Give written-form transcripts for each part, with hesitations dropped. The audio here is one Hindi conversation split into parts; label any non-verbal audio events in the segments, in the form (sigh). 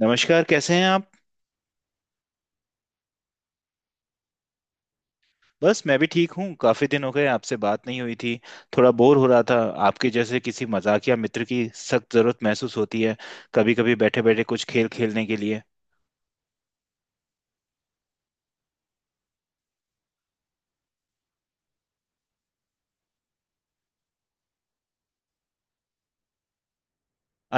नमस्कार, कैसे हैं आप। बस मैं भी ठीक हूँ, काफी दिन हो गए आपसे बात नहीं हुई थी। थोड़ा बोर हो रहा था। आपके जैसे किसी मजाकिया मित्र की सख्त जरूरत महसूस होती है, कभी कभी बैठे बैठे कुछ खेल खेलने के लिए।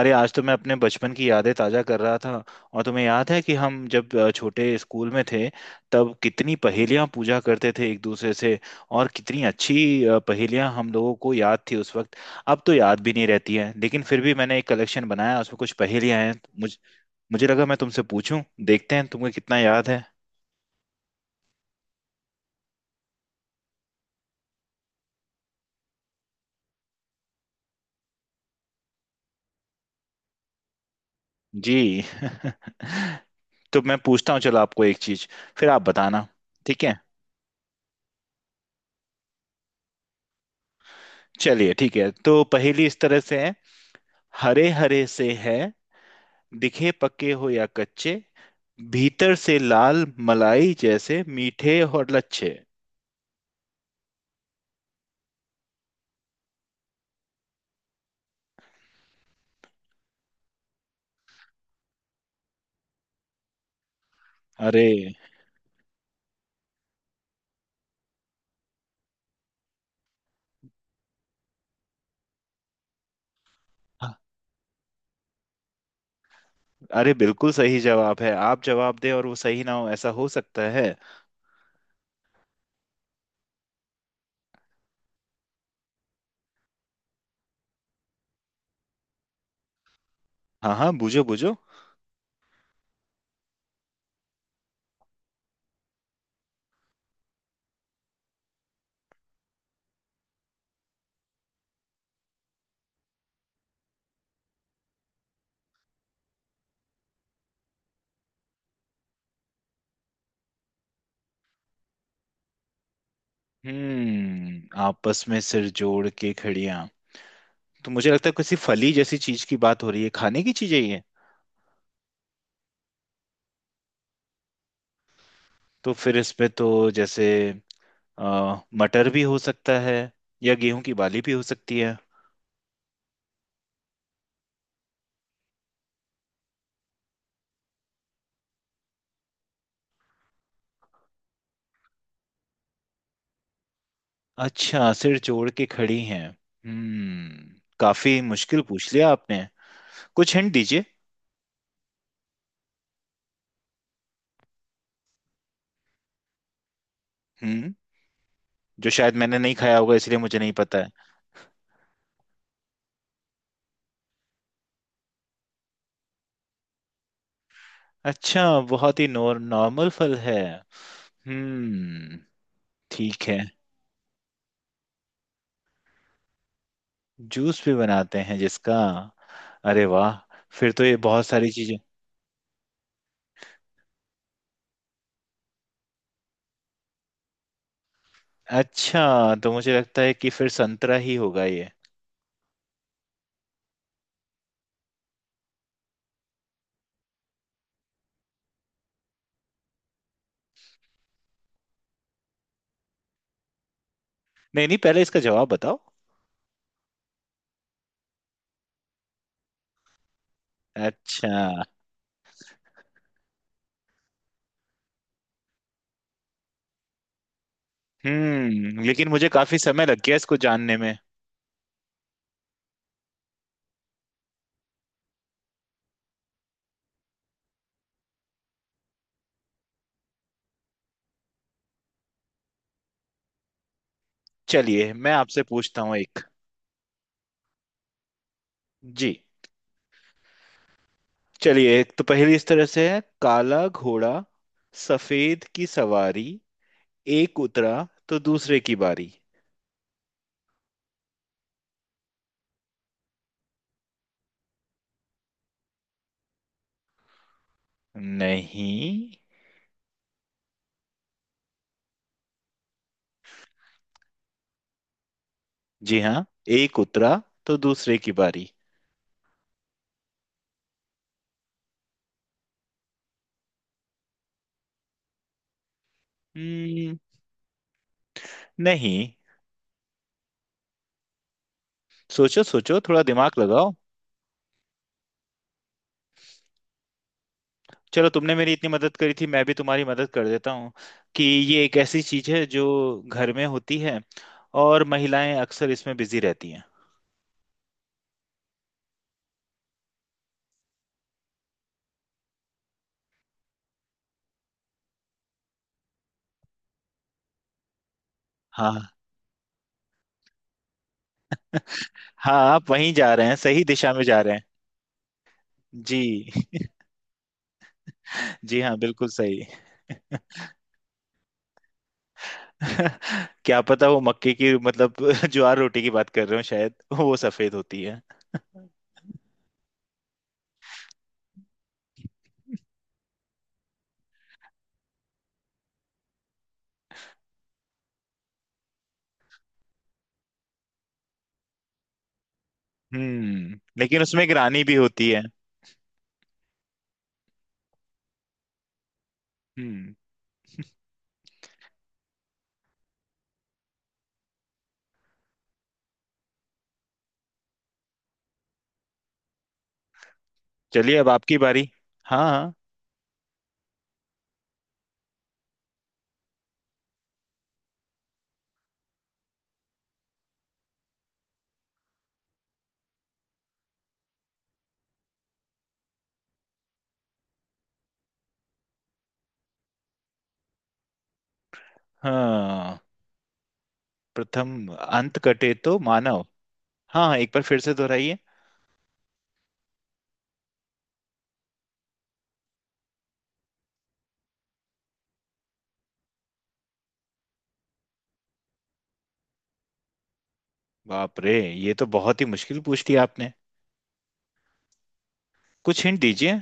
अरे आज तो मैं अपने बचपन की यादें ताजा कर रहा था। और तुम्हें याद है कि हम जब छोटे स्कूल में थे, तब कितनी पहेलियां पूछा करते थे एक दूसरे से। और कितनी अच्छी पहेलियां हम लोगों को याद थी उस वक्त। अब तो याद भी नहीं रहती है, लेकिन फिर भी मैंने एक कलेक्शन बनाया उसमें कुछ पहेलियां हैं। मुझे लगा मैं तुमसे पूछूं, देखते हैं तुम्हें कितना याद है। जी (laughs) तो मैं पूछता हूँ। चलो आपको एक चीज, फिर आप बताना। ठीक है। चलिए ठीक है, तो पहेली इस तरह से है। हरे हरे से है, दिखे पके हो या कच्चे, भीतर से लाल मलाई जैसे मीठे और लच्छे। अरे, अरे बिल्कुल सही जवाब है। आप जवाब दें और वो सही ना हो, ऐसा हो सकता है। हाँ हाँ, बूझो बूझो। हम्म, आपस में सिर जोड़ के खड़ियां। तो मुझे लगता है किसी फली जैसी चीज की बात हो रही है, खाने की चीजें ये। तो फिर इसमें तो, जैसे, अ, मटर भी हो सकता है, या गेहूं की बाली भी हो सकती है। अच्छा, सिर जोड़ के खड़ी हैं। हम्म, काफी मुश्किल पूछ लिया आपने। कुछ हिंट दीजिए। हम्म, जो शायद मैंने नहीं खाया होगा, इसलिए मुझे नहीं पता है। अच्छा, बहुत ही नॉर्मल फल है। हम्म, ठीक है। जूस भी बनाते हैं जिसका? अरे वाह, फिर तो ये बहुत सारी चीजें। अच्छा तो मुझे लगता है कि फिर संतरा ही होगा ये। नहीं नहीं, पहले इसका जवाब बताओ। अच्छा। हम्म, लेकिन मुझे काफी समय लग गया इसको जानने में। चलिए मैं आपसे पूछता हूँ एक। जी। चलिए एक तो पहली इस तरह से है। काला घोड़ा, सफेद की सवारी, एक उतरा तो दूसरे की बारी। नहीं। जी हाँ, एक उतरा तो दूसरे की बारी। हम्म, नहीं। सोचो सोचो, थोड़ा दिमाग लगाओ। चलो, तुमने मेरी इतनी मदद करी थी, मैं भी तुम्हारी मदद कर देता हूँ। कि ये एक ऐसी चीज है जो घर में होती है, और महिलाएं अक्सर इसमें बिजी रहती हैं। हाँ, हाँ आप वहीं जा रहे हैं, सही दिशा में जा रहे हैं। जी (laughs) जी हाँ बिल्कुल सही। (laughs) क्या पता, वो मक्के की मतलब (laughs) ज्वार रोटी की बात कर रहे हो, शायद वो सफेद होती है। हम्म, लेकिन उसमें ग्रानी भी होती है। हम्म। चलिए अब आपकी बारी। हाँ हाँ। हाँ प्रथम अंत कटे तो मानव हाँ, हाँ एक बार फिर से दोहराइए। बाप रे, ये तो बहुत ही मुश्किल पूछ लिया आपने। कुछ हिंट दीजिए।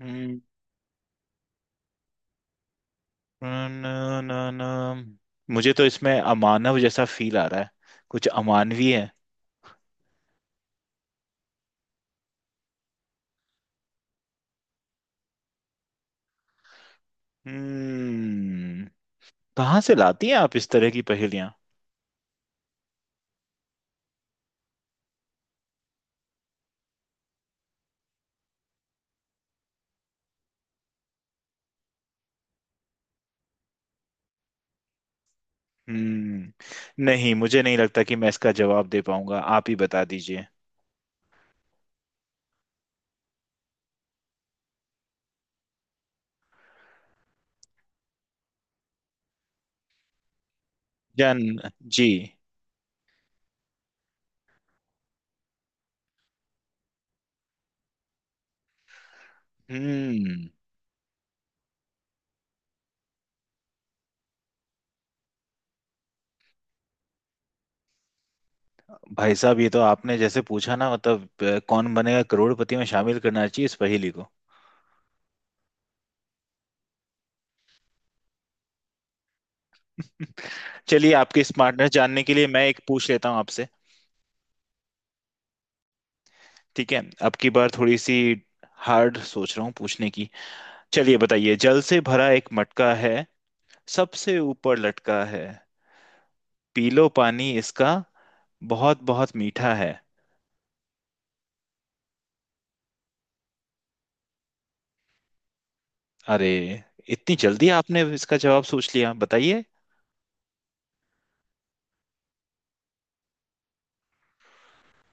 हम्म, न, न, न, मुझे तो इसमें अमानव जैसा फील आ रहा है। कुछ अमानवीय है। हम्म, कहाँ से लाती हैं आप इस तरह की पहेलियां। हम्म, नहीं मुझे नहीं लगता कि मैं इसका जवाब दे पाऊंगा, आप ही बता दीजिए। जन। जी। हम्म। भाई साहब, ये तो आपने जैसे पूछा ना, मतलब कौन बनेगा करोड़पति में शामिल करना चाहिए इस पहेली को। चलिए आपकी स्मार्टनेस जानने के लिए मैं एक पूछ लेता हूँ आपसे। ठीक है, अब की बार थोड़ी सी हार्ड सोच रहा हूँ पूछने की। चलिए बताइए। जल से भरा एक मटका है, सबसे ऊपर लटका है, पी लो पानी इसका, बहुत बहुत मीठा है। अरे, इतनी जल्दी आपने इसका जवाब सोच लिया? बताइए।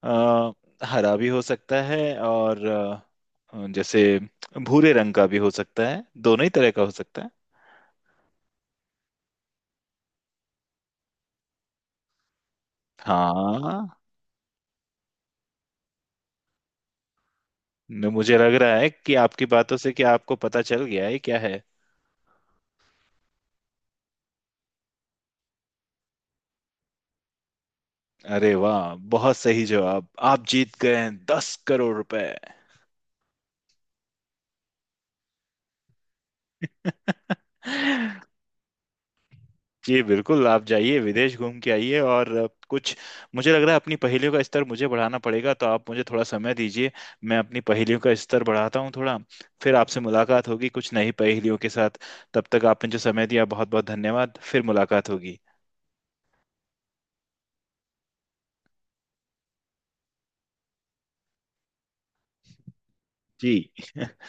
अ, हरा भी हो सकता है, और जैसे भूरे रंग का भी हो सकता है, दोनों ही तरह का हो सकता है। हाँ। मुझे लग रहा है कि आपकी बातों से कि आपको पता चल गया है क्या है। अरे वाह, बहुत सही जवाब, आप जीत गए हैं 10 करोड़ रुपए। (laughs) जी बिल्कुल, आप जाइए विदेश घूम के आइए। और कुछ, मुझे लग रहा है अपनी पहेलियों का स्तर मुझे बढ़ाना पड़ेगा, तो आप मुझे थोड़ा समय दीजिए। मैं अपनी पहेलियों का स्तर बढ़ाता हूँ थोड़ा। फिर आपसे मुलाकात होगी कुछ नई पहेलियों के साथ। तब तक आपने जो समय दिया, बहुत बहुत धन्यवाद। फिर मुलाकात होगी। जी (laughs)